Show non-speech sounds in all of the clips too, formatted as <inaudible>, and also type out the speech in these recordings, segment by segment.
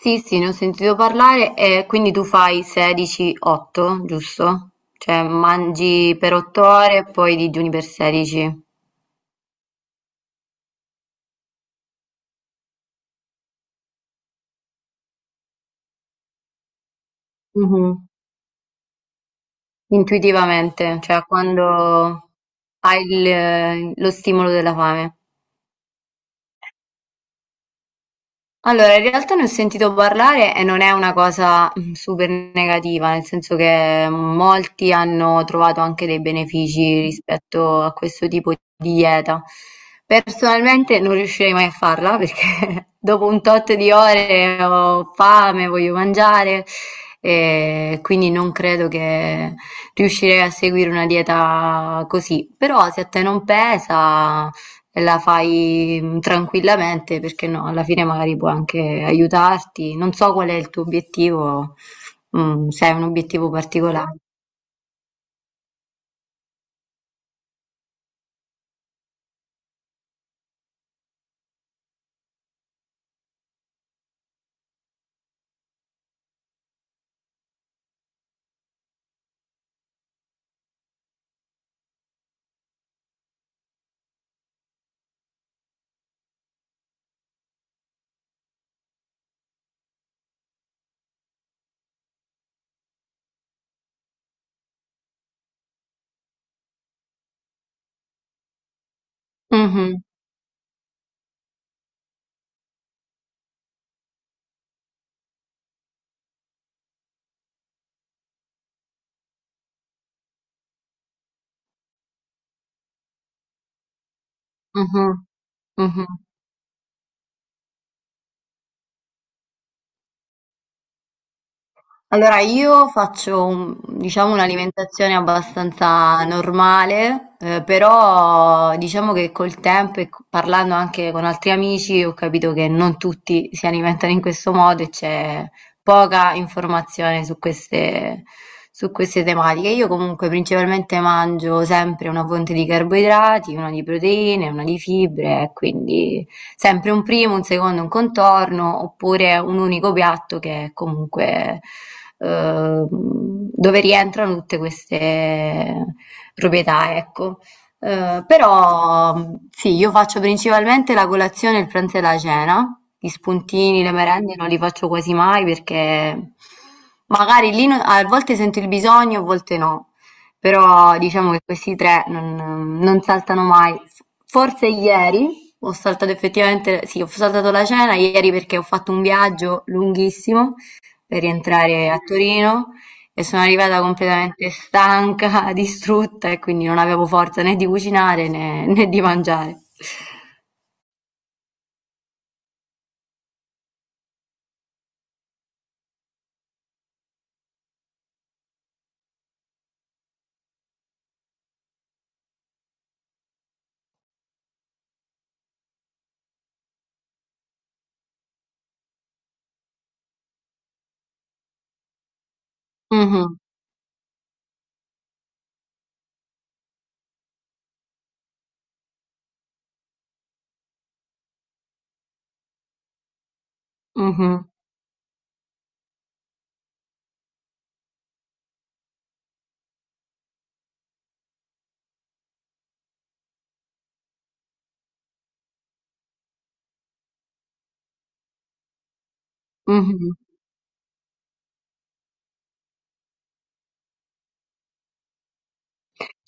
Sì, sì, ne ho sentito parlare e quindi tu fai 16-8, giusto? Cioè mangi per 8 ore e poi digiuni per 16. Mhm. Intuitivamente, cioè quando hai lo stimolo della fame. Allora, in realtà ne ho sentito parlare e non è una cosa super negativa, nel senso che molti hanno trovato anche dei benefici rispetto a questo tipo di dieta. Personalmente non riuscirei mai a farla perché <laughs> dopo un tot di ore ho fame, voglio mangiare e quindi non credo che riuscirei a seguire una dieta così. Però se a te non pesa, e la fai tranquillamente, perché no, alla fine magari può anche aiutarti. Non so qual è il tuo obiettivo, se hai un obiettivo particolare. Mhm, mhm, mhm. Allora, io faccio, diciamo, un'alimentazione abbastanza normale, però diciamo che col tempo e parlando anche con altri amici ho capito che non tutti si alimentano in questo modo e c'è poca informazione su su queste tematiche. Io comunque principalmente mangio sempre una fonte di carboidrati, una di proteine, una di fibre, e quindi sempre un primo, un secondo, un contorno, oppure un unico piatto che è comunque dove rientrano tutte queste proprietà, ecco. Però sì, io faccio principalmente la colazione, il pranzo e la cena. Gli spuntini, le merende non li faccio quasi mai perché magari lì a volte sento il bisogno, a volte no. Però diciamo che questi tre non saltano mai. Forse ieri ho saltato effettivamente, sì, ho saltato la cena ieri perché ho fatto un viaggio lunghissimo per rientrare a Torino e sono arrivata completamente stanca, <laughs> distrutta, e quindi non avevo forza né di cucinare né di mangiare. Mhm, mhm, mhm.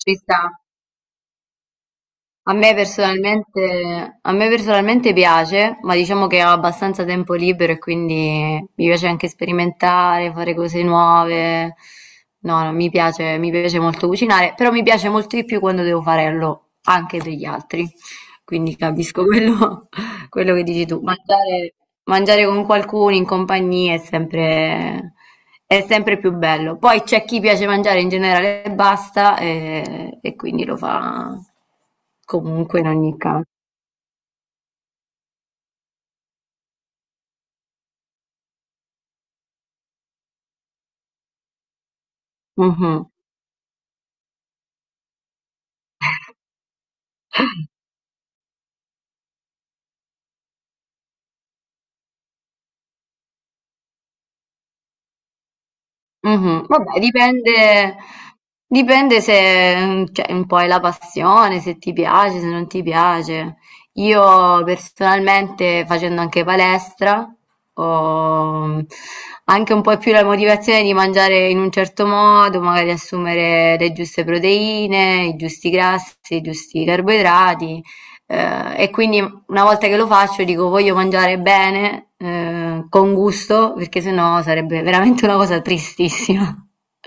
Ci sta. A me personalmente, a me personalmente piace, ma diciamo che ho abbastanza tempo libero e quindi mi piace anche sperimentare, fare cose nuove. No, no, mi piace molto cucinare, però mi piace molto di più quando devo farlo anche per gli altri. Quindi capisco quello. Quello che dici tu, mangiare con qualcuno in compagnia è è sempre più bello. Poi c'è chi piace mangiare in generale e basta, e quindi lo fa comunque in ogni caso. Mhm. Mh-mh. Vabbè, dipende se, mhmm, cioè un po' è la passione, se ti piace, se non ti piace. Io personalmente, facendo anche palestra, ho anche un po' più la motivazione di mangiare in un certo modo, magari assumere le giuste proteine, i giusti grassi, i giusti carboidrati, e quindi una volta che lo faccio dico voglio mangiare bene, con gusto, perché sennò sarebbe veramente una cosa tristissima.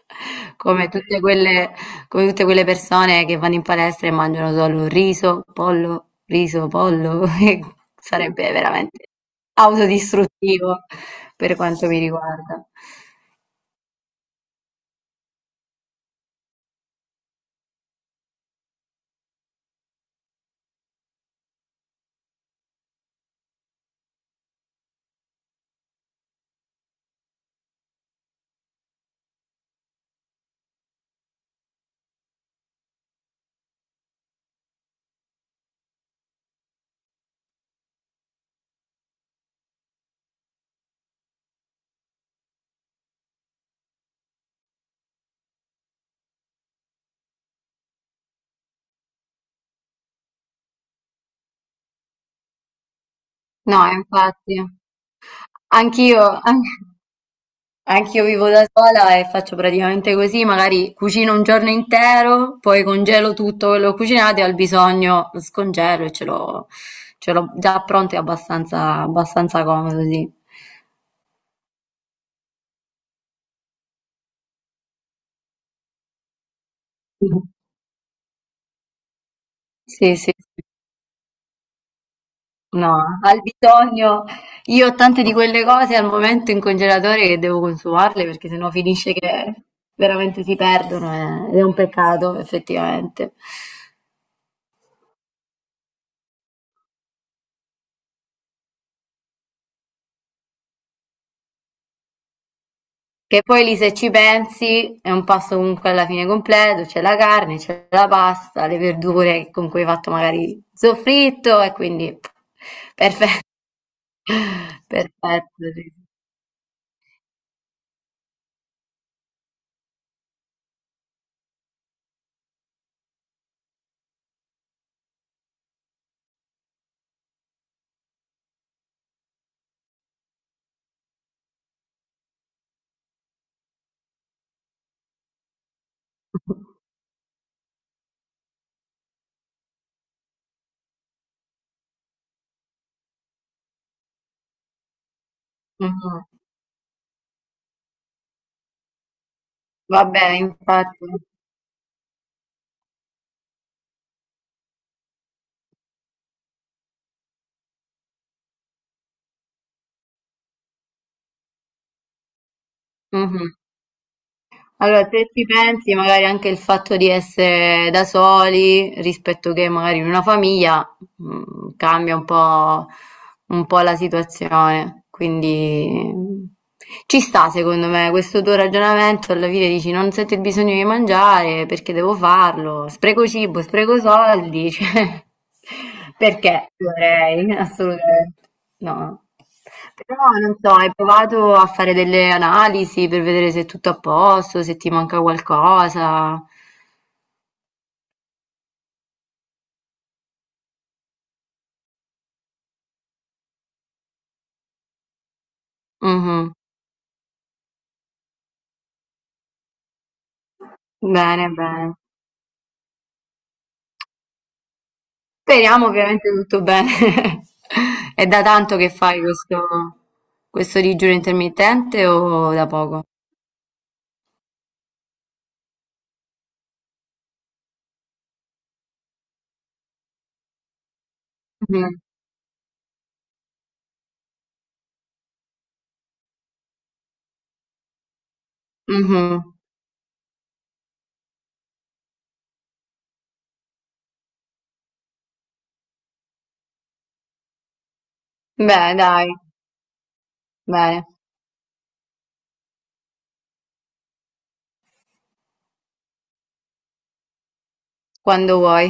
<laughs> Come tutte quelle, come tutte quelle persone che vanno in palestra e mangiano solo riso, pollo, <laughs> e sarebbe veramente autodistruttivo per quanto mi riguarda. No, infatti, anch'io, an- anch'io vivo da sola e faccio praticamente così, magari cucino un giorno intero, poi congelo tutto quello che ho cucinato e al bisogno lo scongelo e ce l'ho già pronto e abbastanza comodo, sì. Sì, sì, sì. No, al bisogno io ho tante di quelle cose al momento in congelatore che devo consumarle perché sennò finisce che veramente si perdono, ed è un peccato effettivamente. Che poi lì, se ci pensi, è un pasto comunque alla fine completo, c'è la carne, c'è la pasta, le verdure con cui hai fatto magari il soffritto, e quindi perfetto, <laughs> perfetto, sì. Mhm. Vabbè, infatti. Mhm. Allora, se ci pensi, magari anche il fatto di essere da soli rispetto che magari in una famiglia mhmm, cambia un po' la situazione, quindi mm, ci sta secondo me questo tuo ragionamento, alla fine dici non sento il bisogno di mangiare perché devo farlo, spreco cibo, spreco soldi, <laughs> cioè perché dovrei? Assolutamente no. Però non so, hai provato a fare delle analisi per vedere se è tutto a posto, se ti manca qualcosa? Mh-mh. Bene, bene. Speriamo ovviamente tutto bene. <laughs> È da tanto che fai questo, questo digiuno intermittente o da poco? Mhm, mhm. Beh, dai, bene, quando vuoi.